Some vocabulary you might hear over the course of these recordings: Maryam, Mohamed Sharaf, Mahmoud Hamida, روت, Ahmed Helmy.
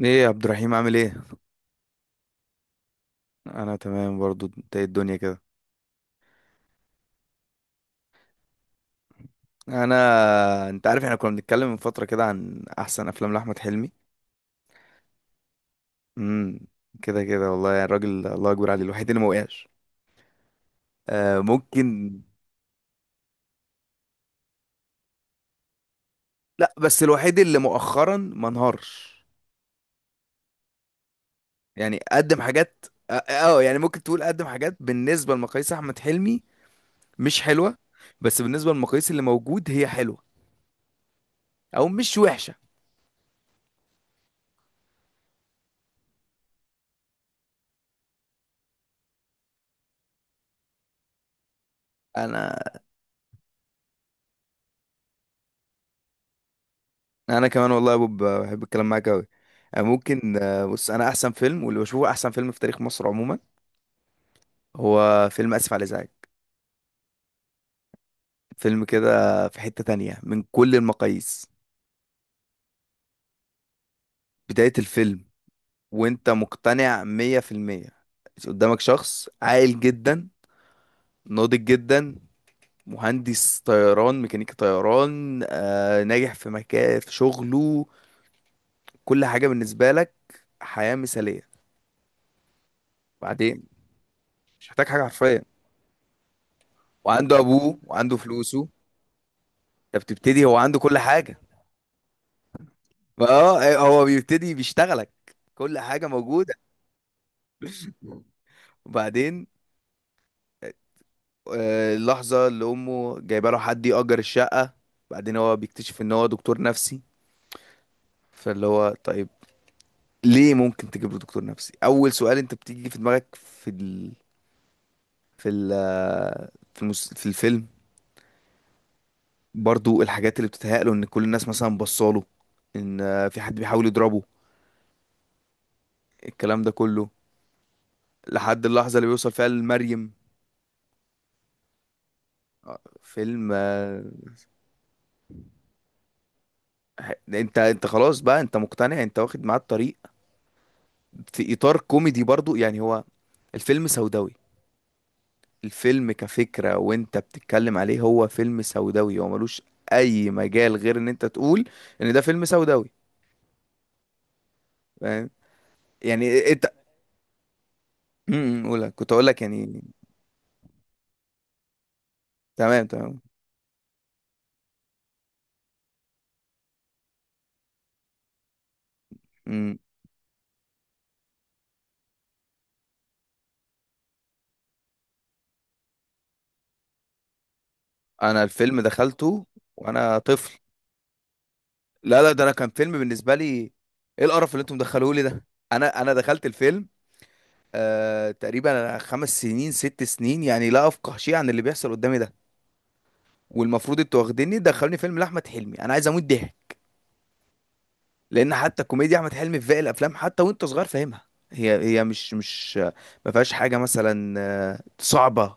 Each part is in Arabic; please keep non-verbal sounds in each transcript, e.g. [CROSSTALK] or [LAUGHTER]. ايه يا عبد الرحيم عامل ايه؟ انا تمام برضو، انت ايه الدنيا كده؟ انا انت عارف احنا كنا بنتكلم من فتره كده عن احسن افلام لاحمد حلمي. امم كده كده والله، يعني الراجل الله اكبر عليه، الوحيد اللي ما وقعش. آه، ممكن. لا بس الوحيد اللي مؤخرا ما انهارش. يعني قدم حاجات، يعني ممكن تقول قدم حاجات بالنسبه لمقاييس احمد حلمي مش حلوه، بس بالنسبه للمقاييس اللي موجود هي حلوه او مش وحشه. انا انا كمان والله يا بوب بحب الكلام معاك قوي. ممكن، بص انا احسن فيلم واللي بشوفه احسن فيلم في تاريخ مصر عموما هو فيلم اسف على الازعاج. فيلم كده في حتة تانية من كل المقاييس. بداية الفيلم وانت مقتنع مية في المية، قدامك شخص عاقل جدا، ناضج جدا، مهندس طيران، ميكانيكي طيران، ناجح في مكان في شغله، كل حاجة بالنسبة لك، حياة مثالية. بعدين مش محتاج حاجة حرفيا، وعنده ابوه وعنده فلوسه. انت بتبتدي، هو عنده كل حاجه. اه، هو بيبتدي بيشتغلك. كل حاجه موجوده. وبعدين اللحظه اللي امه جايبه له حد يأجر الشقه، بعدين هو بيكتشف ان هو دكتور نفسي، فاللي هو طيب ليه ممكن تجيب له دكتور نفسي؟ اول سؤال انت بتيجي في دماغك. في ال... في ال... في, المس... في الفيلم برضو الحاجات اللي بتتهيأ له ان كل الناس مثلا بصاله، ان في حد بيحاول يضربه، الكلام ده كله، لحد اللحظه اللي بيوصل فيها لمريم. آه، فيلم آه، انت خلاص بقى، انت مقتنع، انت واخد معاه الطريق. في اطار كوميدي برضو، يعني هو الفيلم سوداوي. الفيلم كفكرة وانت بتتكلم عليه هو فيلم سوداوي، هو ملوش اي مجال غير ان انت تقول ان ده فيلم سوداوي. فاهم يعني انت؟ قولها كنت اقول لك يعني. تمام تمام. امم، انا الفيلم دخلته وانا طفل. لا لا، ده انا كان فيلم بالنسبة لي ايه القرف اللي انتم مدخلوه لي ده. انا دخلت الفيلم آه تقريبا خمس سنين ست سنين، يعني لا افقه شيء عن اللي بيحصل قدامي ده. والمفروض انتوا واخديني دخلوني فيلم لاحمد حلمي، انا عايز اموت ضحك. لان حتى كوميديا احمد حلمي في باقي الافلام حتى وانت صغير فاهمها، هي هي مش مش ما فيهاش حاجه مثلا صعبه،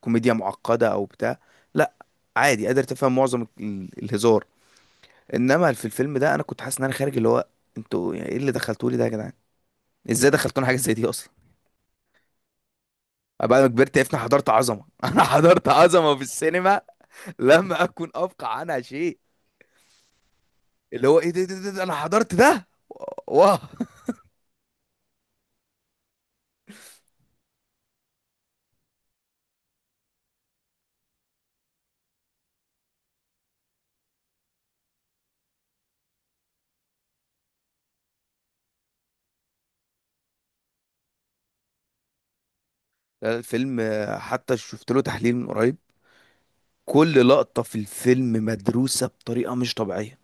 كوميديا معقده او بتاع. لا، عادي قادر تفهم معظم الهزار. انما في الفيلم ده انا كنت حاسس ان انا خارج اللي هو، انتوا يعني ايه اللي دخلتولي ده يا جدعان؟ ازاي دخلتونا حاجه زي دي اصلا؟ بعد ما كبرت عرفت إن أنا حضرت عظمه. [LAUGHS] انا حضرت عظمه في السينما لم اكن افقع عنها شيء. اللي هو ايه ده, انا حضرت ده. واه. لا، الفيلم حتى شفت له تحليل من قريب، كل لقطة في الفيلم مدروسة بطريقة مش طبيعية.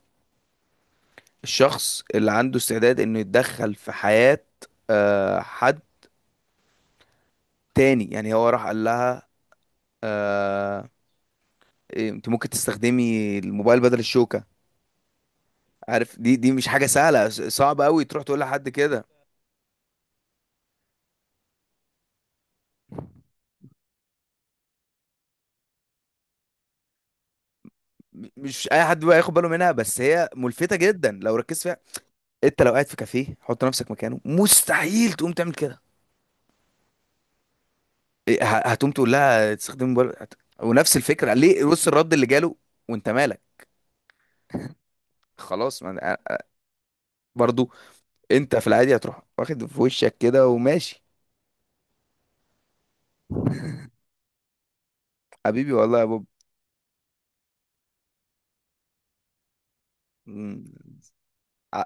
الشخص اللي عنده استعداد انه يتدخل في حياة حد تاني، يعني هو راح قال لها آه، إيه، انت ممكن تستخدمي الموبايل بدل الشوكة. عارف، دي مش حاجة سهلة، صعب قوي تروح تقول لحد كده. مش اي حد بقى ياخد باله منها، بس هي ملفتة جدا لو ركزت فيها. انت لو قاعد في كافيه حط نفسك مكانه مستحيل تقوم تعمل كده. إيه، هتقوم تقول لها تستخدم موبايل ونفس الفكره، ليه بص الرد اللي جاله، وانت مالك؟ خلاص ما أنا- برضو انت في العادي هتروح واخد في وشك كده وماشي. [LAUGHS] حبيبي والله يا بوب. مم. ع-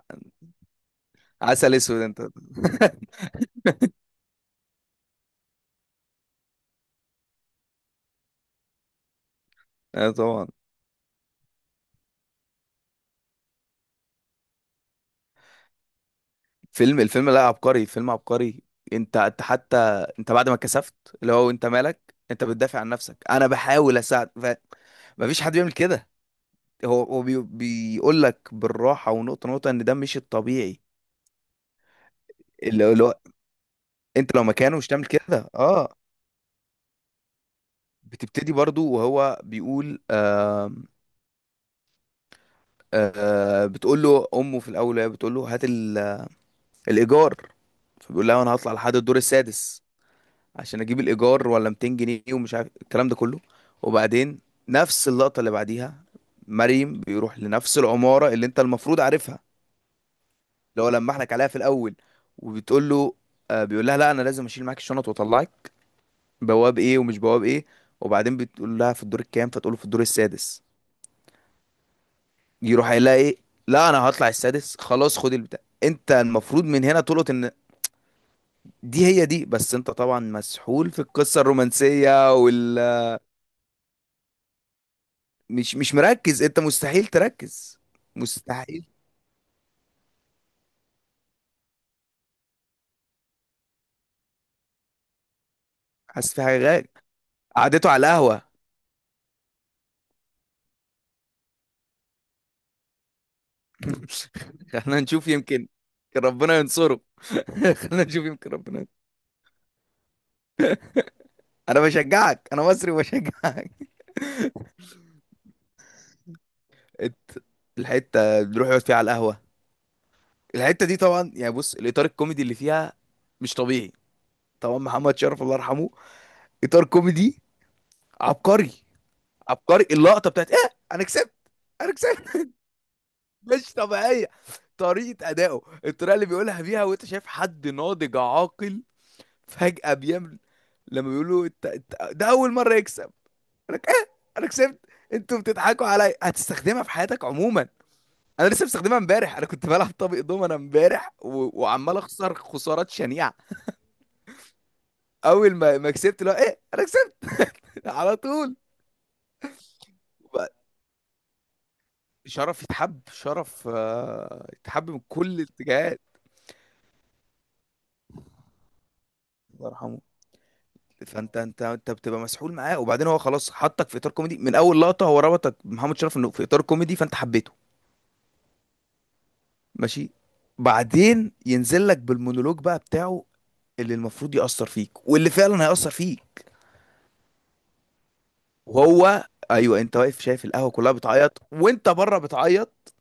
عسل اسود انت. [LAUGHS] اه طبعا. فيلم الفيلم، لا عبقري، فيلم عبقري. انت حتى، انت بعد ما كسفت، اللي هو انت مالك؟ انت بتدافع عن نفسك، انا بحاول اساعد. مفيش حد بيعمل كده. هو بيقول لك بالراحه ونقطه نقطه ان ده مش الطبيعي، اللي هو انت لو مكانه مش تعمل كده. اه، بتبتدي برضو وهو بيقول بتقول له امه في الاول وهي بتقول له هات الايجار. فبيقول لها انا هطلع لحد الدور السادس عشان اجيب الايجار ولا 200 جنيه ومش عارف الكلام ده كله. وبعدين نفس اللقطه اللي بعديها، مريم بيروح لنفس العماره اللي انت المفروض عارفها، اللي هو لما احنا عليها في الاول. وبتقول له، بيقول لها لا انا لازم اشيل معاك الشنط واطلعك، بواب ايه ومش بواب ايه. وبعدين بتقول لها في الدور الكام، فتقول له في الدور السادس. يروح قايل لها ايه، لا انا هطلع السادس خلاص، خد البتاع. انت المفروض من هنا تلقط ان دي هي دي، بس انت طبعا مسحول في القصة الرومانسية وال مش مركز، انت مستحيل تركز، مستحيل حاسس في حاجة غير قعدته على القهوة. [LAUGHS] خلينا نشوف يمكن، يمكن ربنا ينصره. [LAUGHS] خلينا نشوف يمكن ربنا. انا بشجعك، انا مصري وبشجعك. ات- الحته بنروح يقعد فيها على القهوه، الحته دي طبعا يعني بص الاطار الكوميدي اللي فيها مش طبيعي. طبعا محمد شرف الله يرحمه، اطار كوميدي عبقري. عبقري اللقطه بتاعت ايه انا كسبت، انا كسبت. [LAUGHS] مش طبيعيه، طريقه ادائه، الطريقه اللي بيقولها بيها وانت شايف حد ناضج عاقل فجاه بيعمل لما بيقولوا انت، ده اول مره يكسب، انا ايه انا كسبت. انتوا بتضحكوا عليا، هتستخدمها في حياتك عموما. انا لسه مستخدمها امبارح، انا كنت بلعب طابق دومنا امبارح وعمال اخسر خسارات شنيعه. اول ما كسبت، لا ايه، انا كسبت. [LAUGHS] على طول. وب- شرف يتحب، شرف يتحب من كل الاتجاهات. الله يرحمه. فانت بتبقى مسحول معاه، وبعدين هو خلاص حطك في اطار كوميدي من اول لقطه، هو ربطك بمحمد شرف انه في اطار كوميدي، فانت حبيته. ماشي، بعدين ينزل لك بالمونولوج بقى بتاعه اللي المفروض يأثر فيك واللي فعلا هيأثر فيك. وهو ايوه، انت واقف شايف القهوه كلها بتعيط وانت بره بتعيط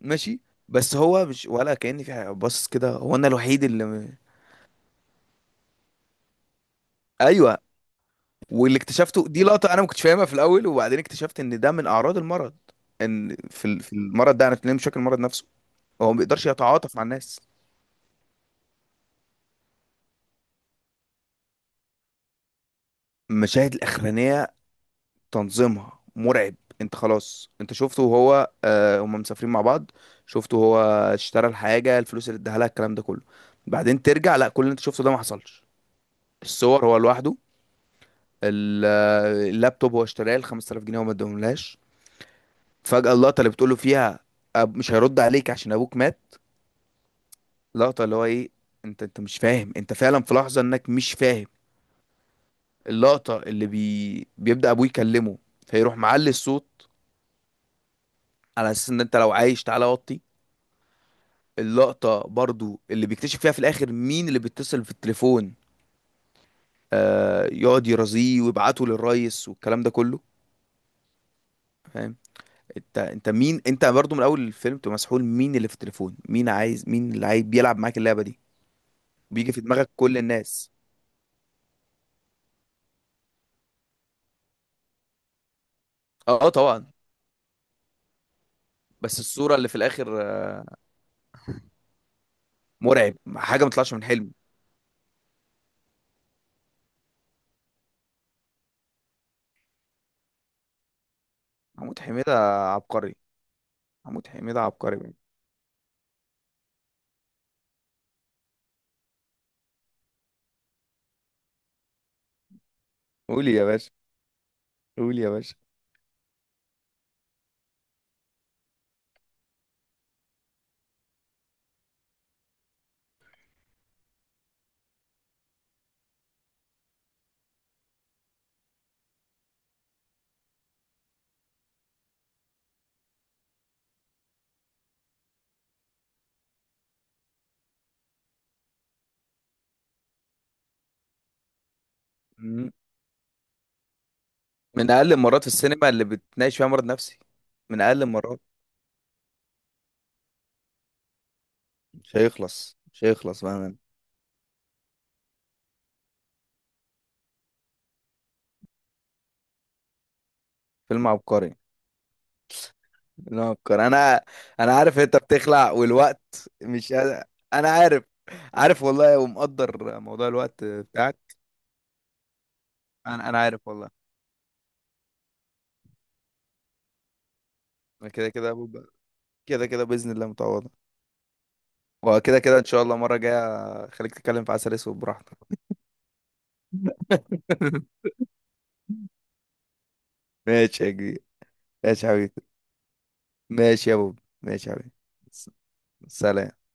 ماشي، بس هو مش ولا كأن في حاجه، باصص كده هو انا الوحيد اللي ايوه. واللي اكتشفته دي لقطه انا ما كنتش فاهمها في الاول، وبعدين اكتشفت ان ده من اعراض المرض، ان في المرض ده انا بتكلم بشكل المرض نفسه، هو ما بيقدرش يتعاطف مع الناس. المشاهد الاخرانيه تنظيمها مرعب. انت خلاص انت شفته وهو هم مسافرين مع بعض، شفته وهو اشترى الحاجه، الفلوس اللي اداها لها، الكلام ده كله، بعدين ترجع لا كل اللي انت شفته ده ما حصلش. الصور هو لوحده، ال- اللابتوب هو اشتراه ال 5000 جنيه وما اداهملهاش. فجأة اللقطة اللي بتقوله فيها أب مش هيرد عليك عشان ابوك مات، لقطة اللي هو ايه. انت مش فاهم، انت فعلا في لحظة انك مش فاهم. اللقطة اللي بيبدأ ابوه يكلمه فيروح معلي الصوت على اساس ان انت لو عايش تعالى وطي. اللقطة برضو اللي بيكتشف فيها في الاخر مين اللي بيتصل في التليفون، يقعد يرازيه ويبعته للريس والكلام ده كله، فاهم؟ انت مين انت؟ برضو من اول الفيلم تبقى مسحول، مين اللي في التليفون، مين عايز، مين اللي عايز بيلعب معاك اللعبه دي، بيجي في دماغك كل الناس. اه، طبعا. بس الصوره اللي في الاخر مرعب، حاجه ما طلعش من حلمي. محمود حميده عبقري، محمود حميده عبقري بقى. قول يا باشا. قول يا باشا. مم. من اقل المرات في السينما اللي بتناقش فيها مرض نفسي، من اقل المرات. مش هيخلص، مش هيخلص بقى. فيلم عبقري. نوكر انا، انا عارف انت بتخلع والوقت مش قادر. انا عارف، عارف والله ومقدر موضوع الوقت بتاعك. انا عارف والله. أنا كده كده كده كده باذن الله متعوضه. وكده كده ان شاء الله مره جايه، خليك تتكلم في عسل اسود براحتك. [LAUGHS] ماشي يا كبير، ماشي يا حبيبي. ماشي يا بوب، ماشي يا حبيبي. س- سلام.